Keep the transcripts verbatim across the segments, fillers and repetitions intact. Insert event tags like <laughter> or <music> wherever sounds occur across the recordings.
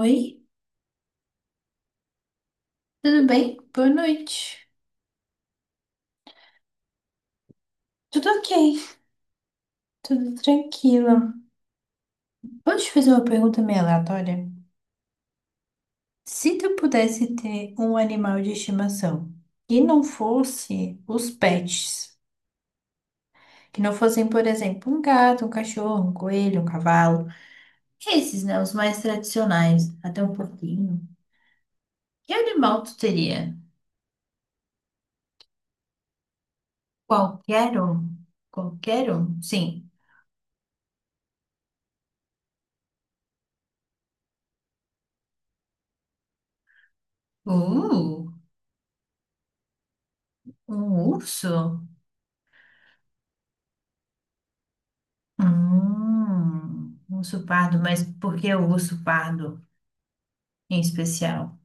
Oi, tudo bem? Boa noite. Tudo ok, tudo tranquilo. Vou te fazer uma pergunta meio aleatória. Se tu pudesse ter um animal de estimação que não fosse os pets, que não fossem, por exemplo, um gato, um cachorro, um coelho, um cavalo, esses, né, os mais tradicionais, até um porquinho, que animal tu teria? Qualquer um? Qualquer um? Sim. Uh, um urso? Hum, um urso pardo, mas por que o urso pardo em especial?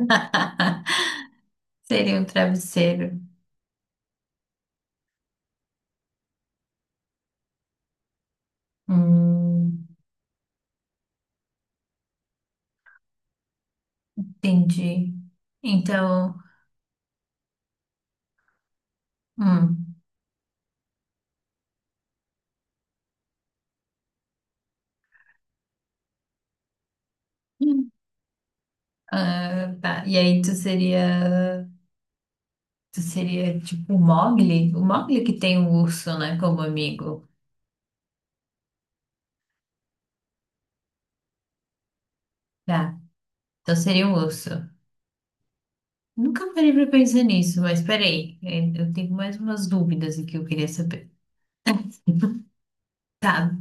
<laughs> Seria um travesseiro. Hum, entendi. Então, hum. Ah, tá. E aí tu seria, tu seria tipo o Mogli? O Mogli que tem um urso, né, como amigo. Tá. Então seria um urso. Nunca parei pra pensar nisso, mas peraí, eu tenho mais umas dúvidas aqui que eu queria saber. <laughs> Tá.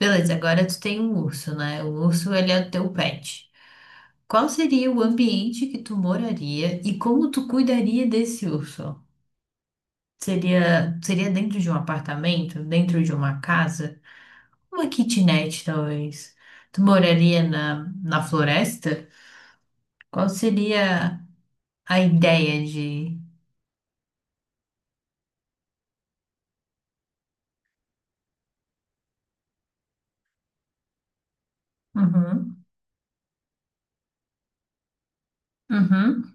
Beleza, agora tu tem um urso, né? O urso, ele é o teu pet. Qual seria o ambiente que tu moraria e como tu cuidaria desse urso? Seria, seria dentro de um apartamento, dentro de uma casa, uma kitnet, talvez. Tu moraria na, na floresta? Qual seria a ideia de. Uhum, uhum,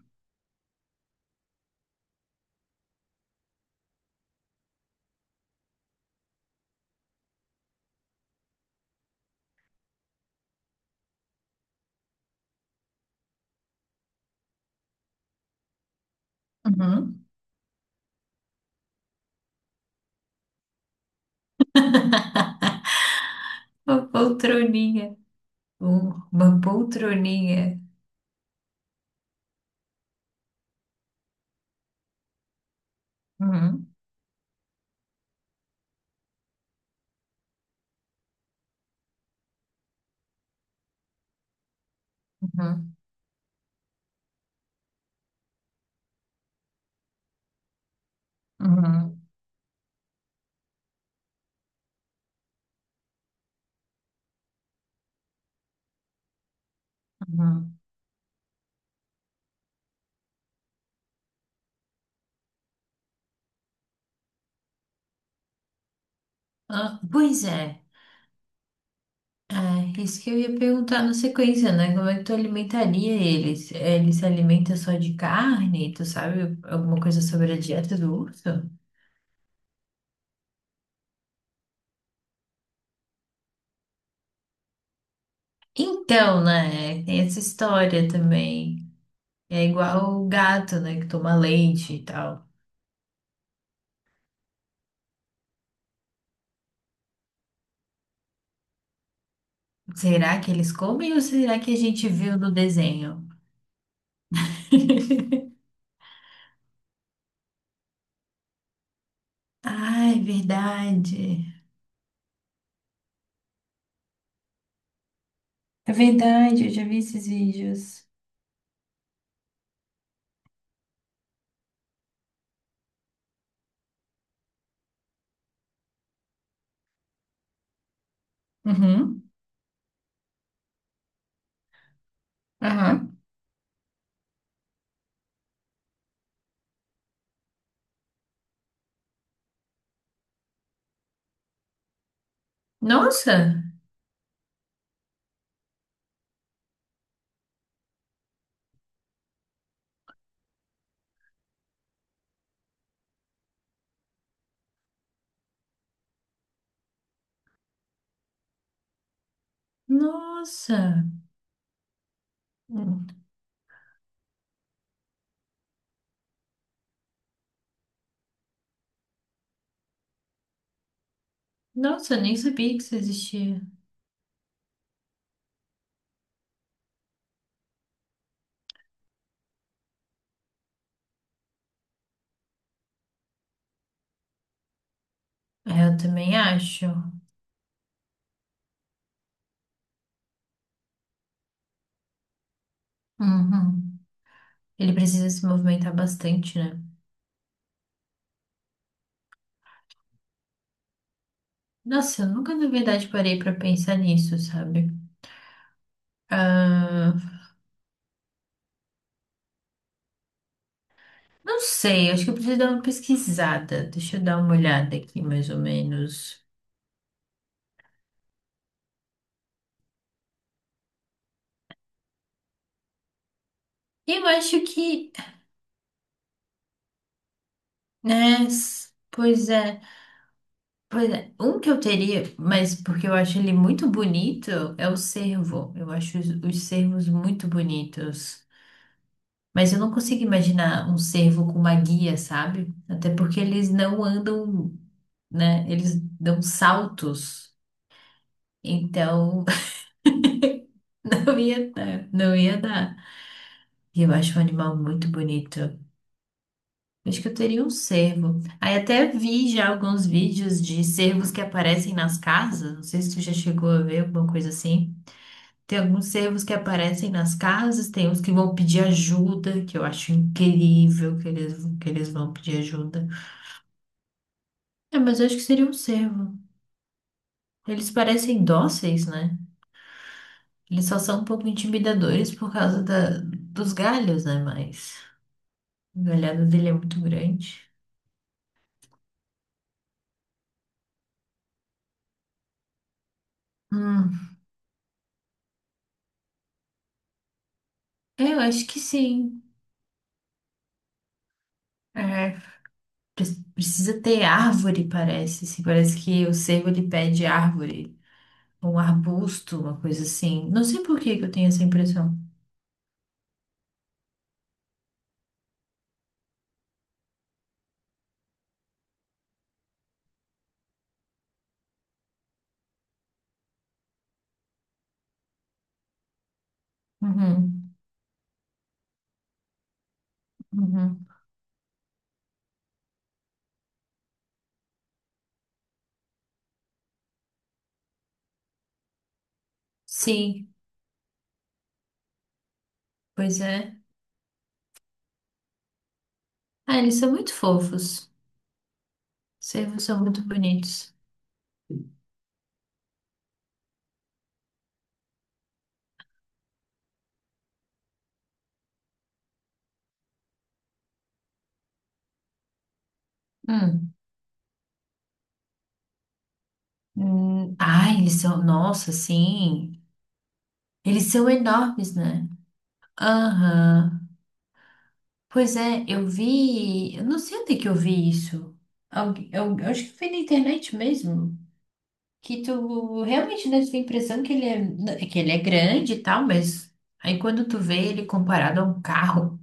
uhum. Uma poltroninha, um- uma poltroninha. Uhum, uhum, uhum, uhum. Ah, pois é. É, isso que eu ia perguntar na sequência, né? Como é que tu alimentaria eles? Ele se alimenta só de carne? Tu sabe alguma coisa sobre a dieta do urso? Então, né? Tem essa história também. É igual o gato, né? Que toma leite e tal. Será que eles comem ou será que a gente viu no desenho? <laughs> Ai, verdade. É verdade, eu já vi esses vídeos. Uhum. Aham. Nossa! Nossa! Nossa, eu nem sabia que isso existia. É, eu também acho. Uhum. Ele precisa se movimentar bastante, né? Nossa, eu nunca na verdade parei pra pensar nisso, sabe? Ah, não sei, acho que eu preciso dar uma pesquisada. Deixa eu dar uma olhada aqui, mais ou menos. Eu acho que, né? s- Pois é, pois é. Um que eu teria, mas porque eu acho ele muito bonito, é o cervo. Eu acho os, os cervos muito bonitos. Mas eu não consigo imaginar um cervo com uma guia, sabe? Até porque eles não andam, né? Eles dão saltos. Então, <laughs> não ia dar, não ia dar. E eu acho um animal muito bonito. Acho que eu teria um cervo. Aí até vi já alguns vídeos de cervos que aparecem nas casas. Não sei se tu já chegou a ver alguma coisa assim. Tem alguns cervos que aparecem nas casas, tem uns que vão pedir ajuda, que eu acho incrível que eles, que eles vão pedir ajuda. É, mas eu acho que seria um cervo. Eles parecem dóceis, né? Eles só são um pouco intimidadores por causa da, dos galhos, né? Mas o galhado dele é muito grande. Hum, é, eu acho que sim. É, pre- precisa ter árvore, parece. Assim, parece que o cervo ele pede árvore, ou um arbusto, uma coisa assim. Não sei por que que eu tenho essa impressão. Uhum, uhum. Sim, pois é. Ah, eles são muito fofos. Cervos são muito bonitos. Hum. Hum, ai, eles são. Nossa, sim. Eles são enormes, né? Aham. Pois é, eu vi. Eu não sei onde é que eu vi isso. Algu- Eu, eu acho que foi na internet mesmo. Que tu realmente dá a impressão que ele é, né, que ele é grande e tal, mas aí quando tu vê ele comparado a um carro,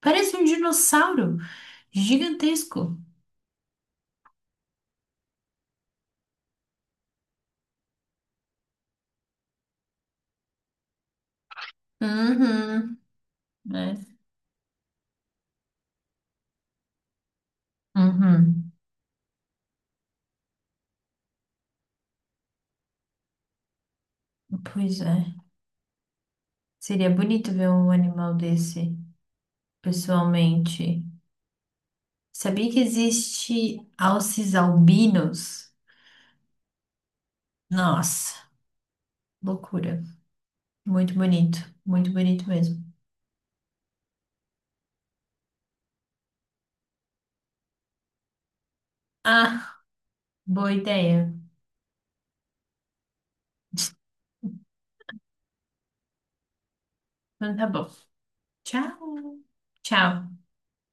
parece um dinossauro gigantesco. Uhum. Né? Uhum. Pois é. Seria bonito ver um animal desse pessoalmente. Sabia que existe alces albinos? Nossa, loucura. Muito bonito, muito bonito mesmo. Ah, boa ideia. Então tá bom. Tchau. Tchau.